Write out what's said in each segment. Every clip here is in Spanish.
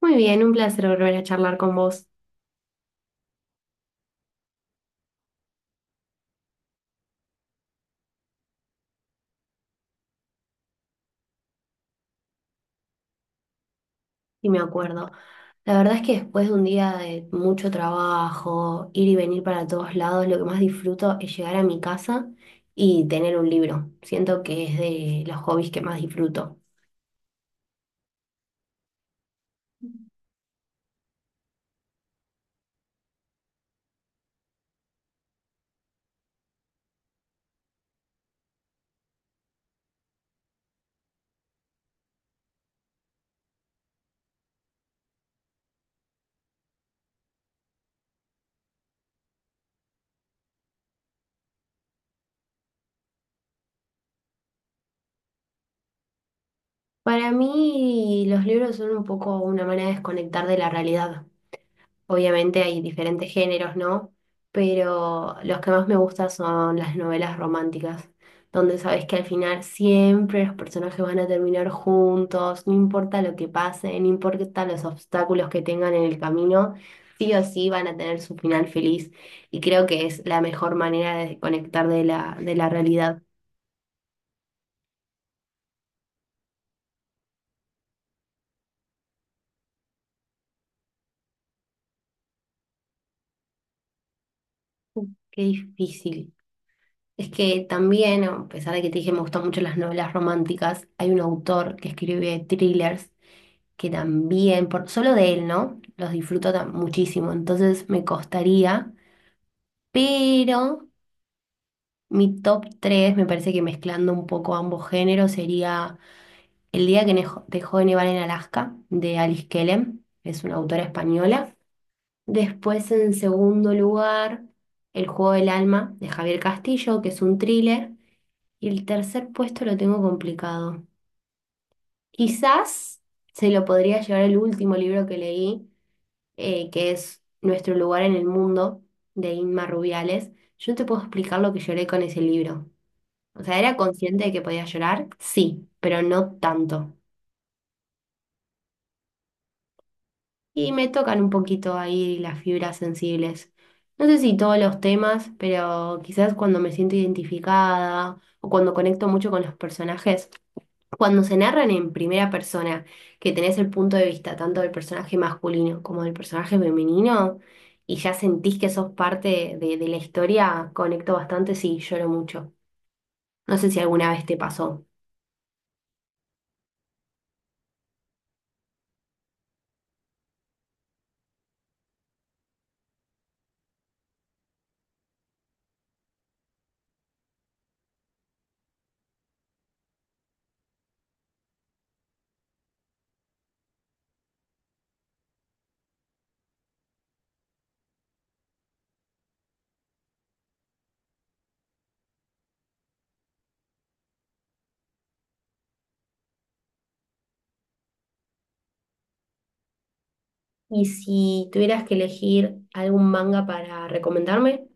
Muy bien, un placer volver a charlar con vos, y me acuerdo. La verdad es que después de un día de mucho trabajo, ir y venir para todos lados, lo que más disfruto es llegar a mi casa y tener un libro. Siento que es de los hobbies que más disfruto. Para mí, los libros son un poco una manera de desconectar de la realidad. Obviamente hay diferentes géneros, ¿no? Pero los que más me gustan son las novelas románticas, donde sabes que al final siempre los personajes van a terminar juntos, no importa lo que pase, no importa los obstáculos que tengan en el camino, sí o sí van a tener su final feliz. Y creo que es la mejor manera de desconectar de la realidad. Qué difícil. Es que también, a pesar de que te dije me gustan mucho las novelas románticas, hay un autor que escribe thrillers que también, por, solo de él, ¿no? Los disfruto muchísimo, entonces me costaría, pero mi top 3 me parece que mezclando un poco ambos géneros, sería El día que dejó de nevar en Alaska, de Alice Kellem, es una autora española. Después, en segundo lugar, El juego del alma, de Javier Castillo, que es un thriller. Y el tercer puesto lo tengo complicado. Quizás se lo podría llevar el último libro que leí, que es Nuestro lugar en el mundo, de Inma Rubiales, yo no te puedo explicar lo que lloré con ese libro. O sea, ¿era consciente de que podía llorar? Sí, pero no tanto. Y me tocan un poquito ahí las fibras sensibles. No sé si todos los temas, pero quizás cuando me siento identificada o cuando conecto mucho con los personajes, cuando se narran en primera persona, que tenés el punto de vista tanto del personaje masculino como del personaje femenino, y ya sentís que sos parte de la historia, conecto bastante, sí, lloro mucho. No sé si alguna vez te pasó. Y si tuvieras que elegir algún manga para recomendarme, lo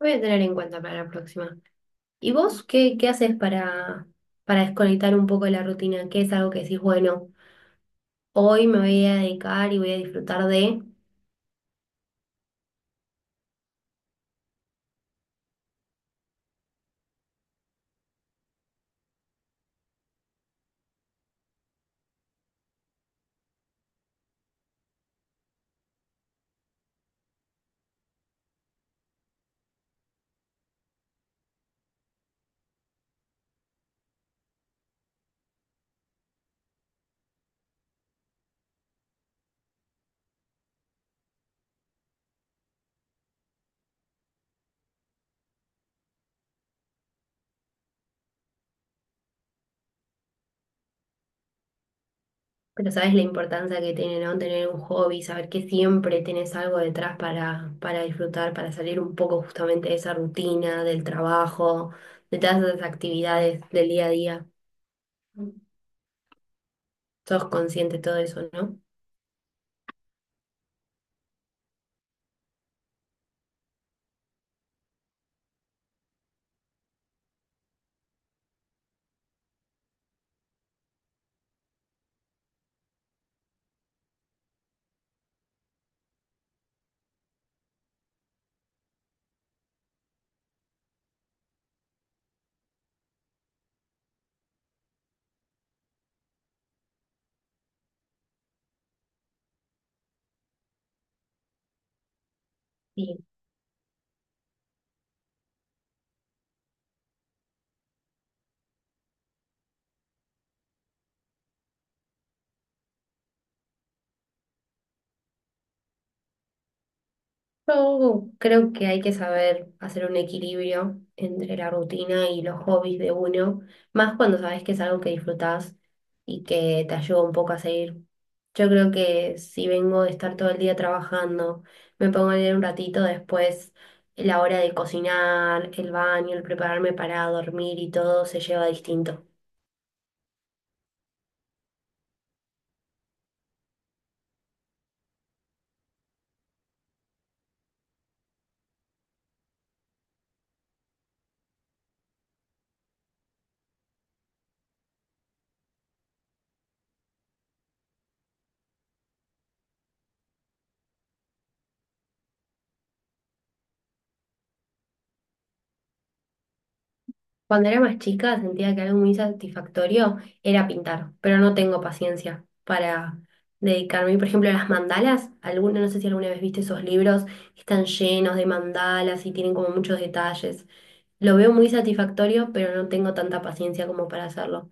voy a tener en cuenta para la próxima. ¿Y vos qué, qué haces para desconectar un poco de la rutina? ¿Qué es algo que decís, bueno, hoy me voy a dedicar y voy a disfrutar de... Pero sabes la importancia que tiene, ¿no? Tener un hobby, saber que siempre tenés algo detrás para disfrutar, para salir un poco justamente de esa rutina, del trabajo, de todas esas actividades del día a día. Sos consciente de todo eso, ¿no? Sí. Yo creo que hay que saber hacer un equilibrio entre la rutina y los hobbies de uno, más cuando sabes que es algo que disfrutás y que te ayuda un poco a seguir. Yo creo que si vengo de estar todo el día trabajando, me pongo a leer un ratito, después la hora de cocinar, el baño, el prepararme para dormir y todo se lleva distinto. Cuando era más chica sentía que algo muy satisfactorio era pintar, pero no tengo paciencia para dedicarme. Por ejemplo, las mandalas, alguna, no sé si alguna vez viste esos libros que están llenos de mandalas y tienen como muchos detalles. Lo veo muy satisfactorio, pero no tengo tanta paciencia como para hacerlo.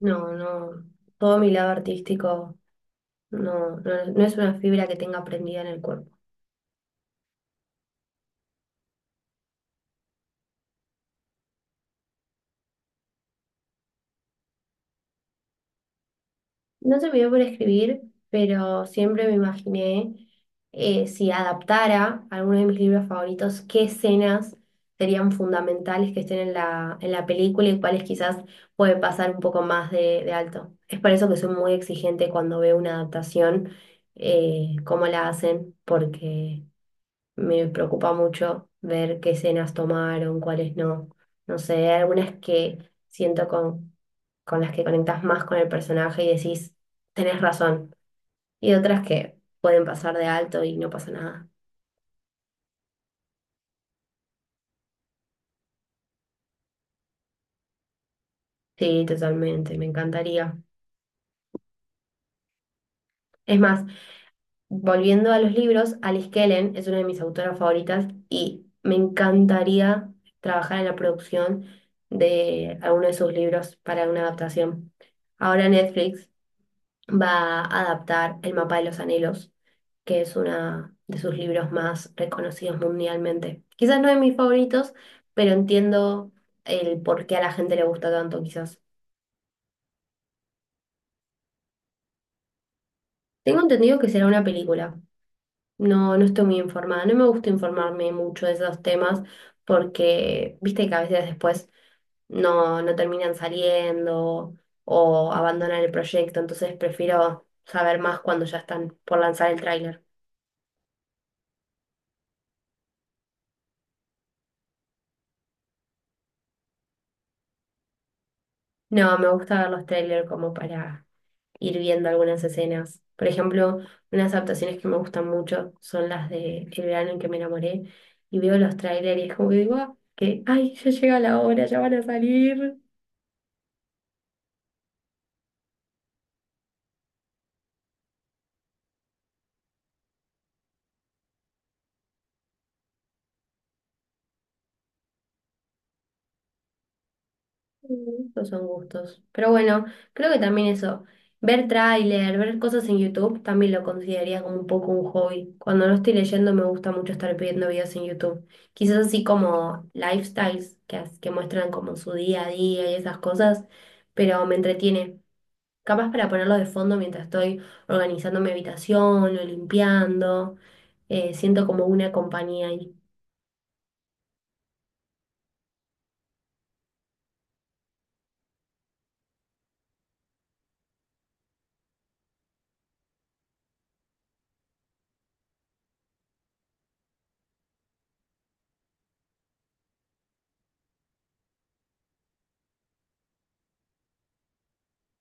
No, no, todo mi lado artístico no, no, no es una fibra que tenga prendida en el cuerpo. No se me dio por escribir, pero siempre me imaginé si adaptara alguno de mis libros favoritos, qué escenas serían fundamentales que estén en la película y cuáles quizás puede pasar un poco más de alto. Es por eso que soy muy exigente cuando veo una adaptación, cómo la hacen, porque me preocupa mucho ver qué escenas tomaron, cuáles no. No sé, hay algunas que siento con las que conectás más con el personaje y decís, tenés razón. Y otras que pueden pasar de alto y no pasa nada. Sí, totalmente, me encantaría. Es más, volviendo a los libros, Alice Kellen es una de mis autoras favoritas y me encantaría trabajar en la producción de alguno de sus libros para una adaptación. Ahora Netflix va a adaptar El mapa de los anhelos, que es uno de sus libros más reconocidos mundialmente. Quizás no de mis favoritos, pero entiendo el por qué a la gente le gusta tanto, quizás. Tengo entendido que será una película. No, no estoy muy informada. No me gusta informarme mucho de esos temas porque, viste que a veces después no, no terminan saliendo o abandonan el proyecto, entonces prefiero saber más cuando ya están por lanzar el tráiler. No, me gusta ver los trailers como para ir viendo algunas escenas. Por ejemplo, unas adaptaciones que me gustan mucho son las de El verano en que me enamoré. Y veo los trailers y es como que digo, ah, que, ay, ya llega la hora, ya van a salir. Mm, esos son gustos. Pero bueno, creo que también eso, ver tráiler, ver cosas en YouTube, también lo consideraría como un poco un hobby. Cuando no estoy leyendo me gusta mucho estar viendo videos en YouTube. Quizás así como lifestyles que, que muestran como su día a día y esas cosas, pero me entretiene. Capaz para ponerlo de fondo mientras estoy organizando mi habitación o limpiando. Siento como una compañía ahí.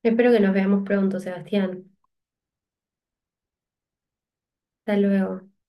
Espero que nos veamos pronto, Sebastián. Hasta luego.